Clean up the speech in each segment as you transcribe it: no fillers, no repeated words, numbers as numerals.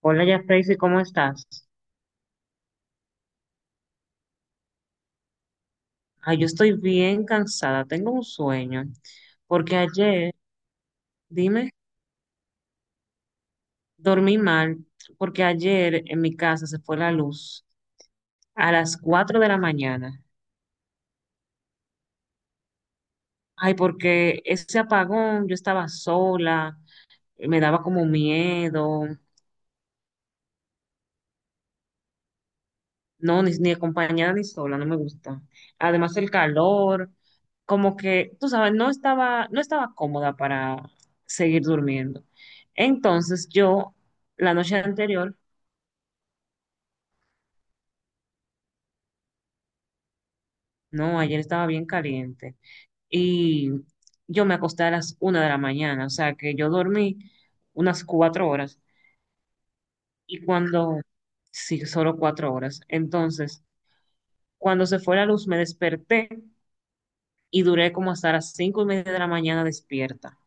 Hola, ya Tracy, ¿cómo estás? Ay, yo estoy bien cansada, tengo un sueño, porque ayer, dime, dormí mal, porque ayer en mi casa se fue la luz a las 4 de la mañana. Ay, porque ese apagón, yo estaba sola, me daba como miedo. No, ni acompañada ni sola, no me gusta. Además el calor, como que, tú sabes, no estaba cómoda para seguir durmiendo. Entonces yo, la noche anterior, no, ayer estaba bien caliente y yo me acosté a las 1 de la mañana, o sea que yo dormí unas 4 horas y cuando, sí, solo 4 horas. Entonces, cuando se fue la luz me desperté y duré como hasta las 5:30 de la mañana despierta.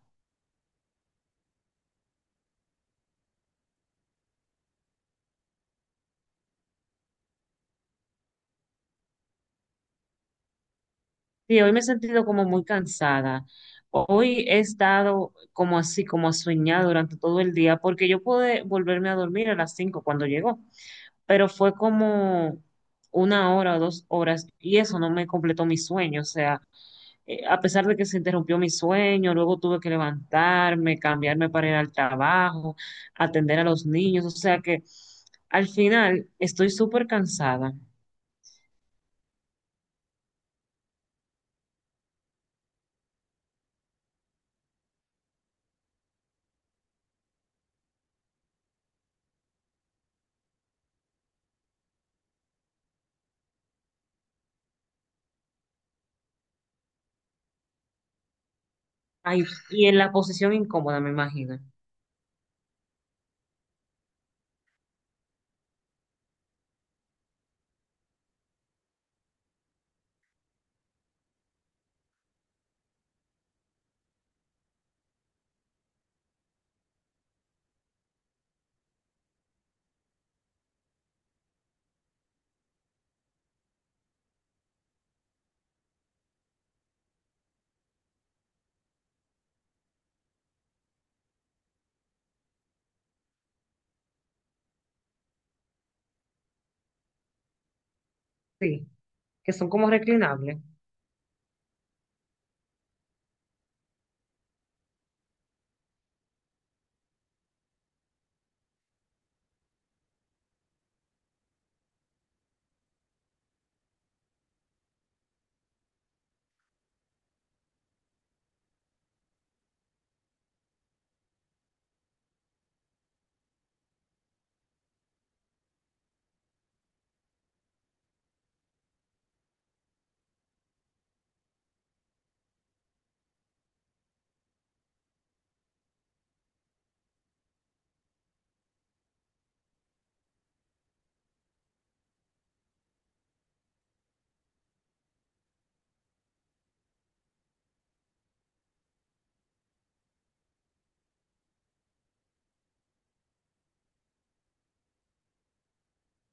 Sí, hoy me he sentido como muy cansada. Hoy he estado como así, como soñada durante todo el día, porque yo pude volverme a dormir a las 5 cuando llegó, pero fue como una hora o 2 horas y eso no me completó mi sueño. O sea, a pesar de que se interrumpió mi sueño, luego tuve que levantarme, cambiarme para ir al trabajo, atender a los niños. O sea que al final estoy súper cansada. Ay, y en la posición incómoda, me imagino. Sí, que son como reclinables,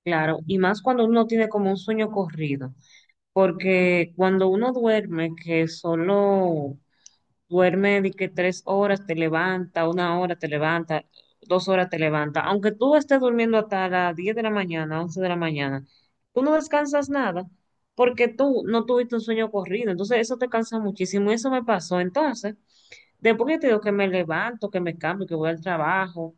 claro, y más cuando uno tiene como un sueño corrido, porque cuando uno duerme, que solo duerme de que 3 horas te levanta, una hora te levanta, 2 horas te levanta, aunque tú estés durmiendo hasta las 10 de la mañana, 11 de la mañana, tú no descansas nada, porque tú no tuviste un sueño corrido, entonces eso te cansa muchísimo, y eso me pasó, entonces, después que te digo que me levanto, que me cambio, que voy al trabajo,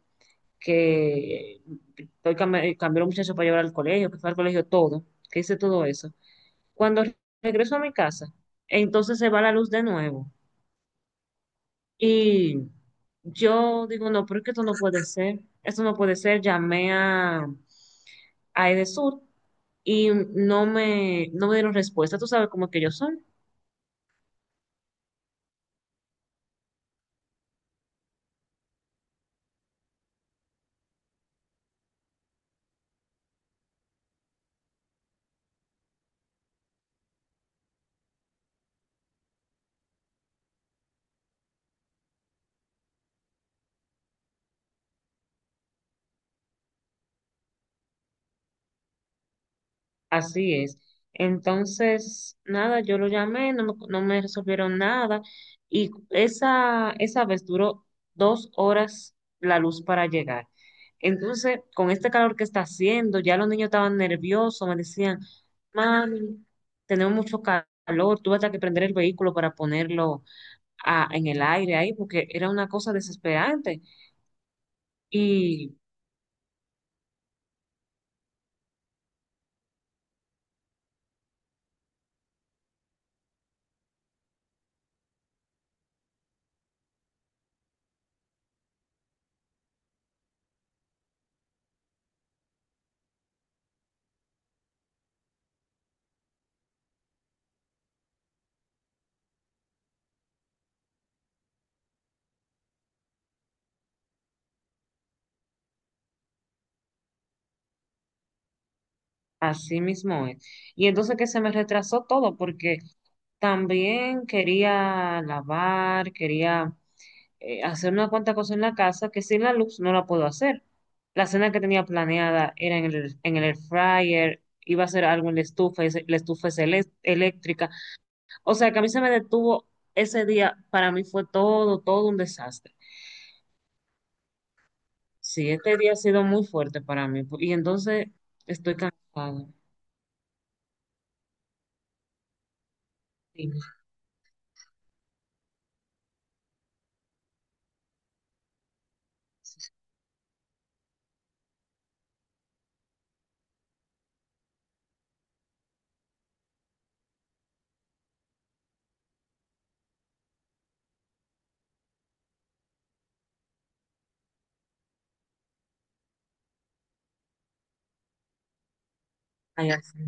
que cambié a los muchachos para llevar al colegio, que fue al colegio todo, que hice todo eso. Cuando regreso a mi casa, entonces se va la luz de nuevo. Y yo digo, no, pero es que esto no puede ser, esto no puede ser. Llamé a, Edesur y no me dieron respuesta. Tú sabes cómo es que ellos son. Así es. Entonces, nada, yo lo llamé, no me resolvieron nada y esa vez duró 2 horas la luz para llegar. Entonces, con este calor que está haciendo, ya los niños estaban nerviosos, me decían, mami, tenemos mucho calor, tuve hasta que prender el vehículo para ponerlo en el aire ahí, porque era una cosa desesperante. Y así mismo es. Y entonces que se me retrasó todo porque también quería lavar, quería hacer una cuanta cosa en la casa que sin la luz no la puedo hacer. La cena que tenía planeada era en el air fryer, iba a hacer algo en la estufa, y la estufa es eléctrica. O sea que a mí se me detuvo ese día, para mí fue todo, todo un desastre. Sí, este día ha sido muy fuerte para mí y entonces estoy cansada. Sí, ay, así.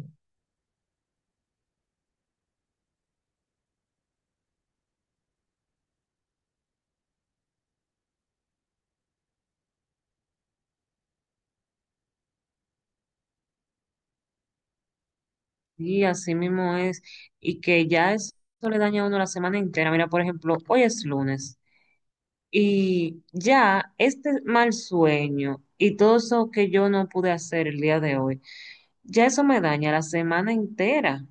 Sí, así mismo es. Y que ya eso le daña a uno la semana entera. Mira, por ejemplo, hoy es lunes y ya este mal sueño y todo eso que yo no pude hacer el día de hoy, ya eso me daña la semana entera.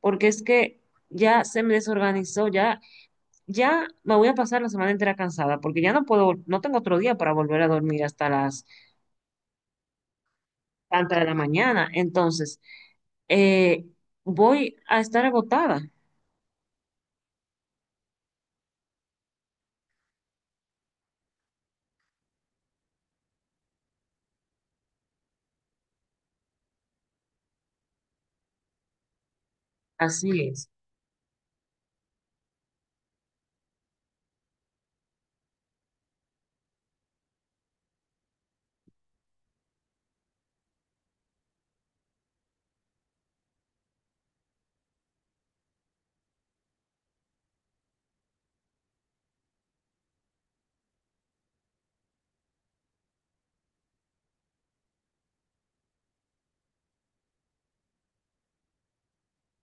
Porque es que ya se me desorganizó, ya, ya me voy a pasar la semana entera cansada porque ya no puedo, no tengo otro día para volver a dormir hasta las tantas de la mañana. Entonces, eh, voy a estar agotada. Así es.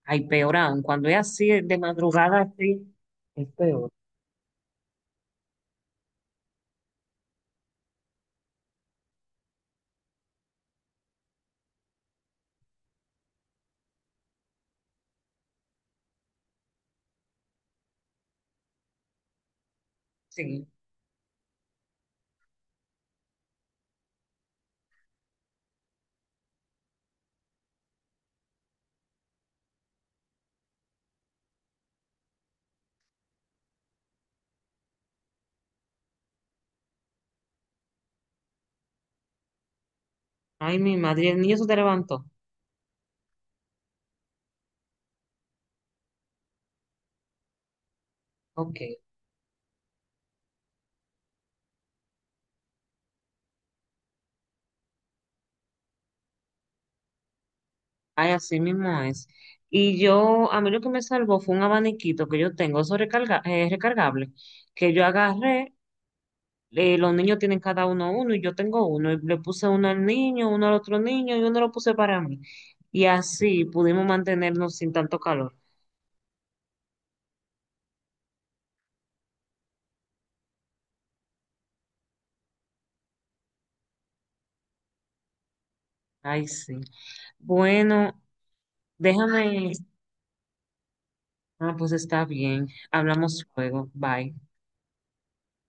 Ay, peor aún, cuando es así, de madrugada así, es peor. Sí. Ay, mi madre, el niño se te levantó. Ok. Ay, así mismo es. Y yo, a mí lo que me salvó fue un abaniquito que yo tengo, eso recarga, es recargable, que yo agarré, los niños tienen cada uno uno y yo tengo uno, y le puse uno al niño, uno al otro niño y uno lo puse para mí. Y así pudimos mantenernos sin tanto calor. Ay, sí. Bueno, déjame. Ah, pues está bien. Hablamos luego. Bye.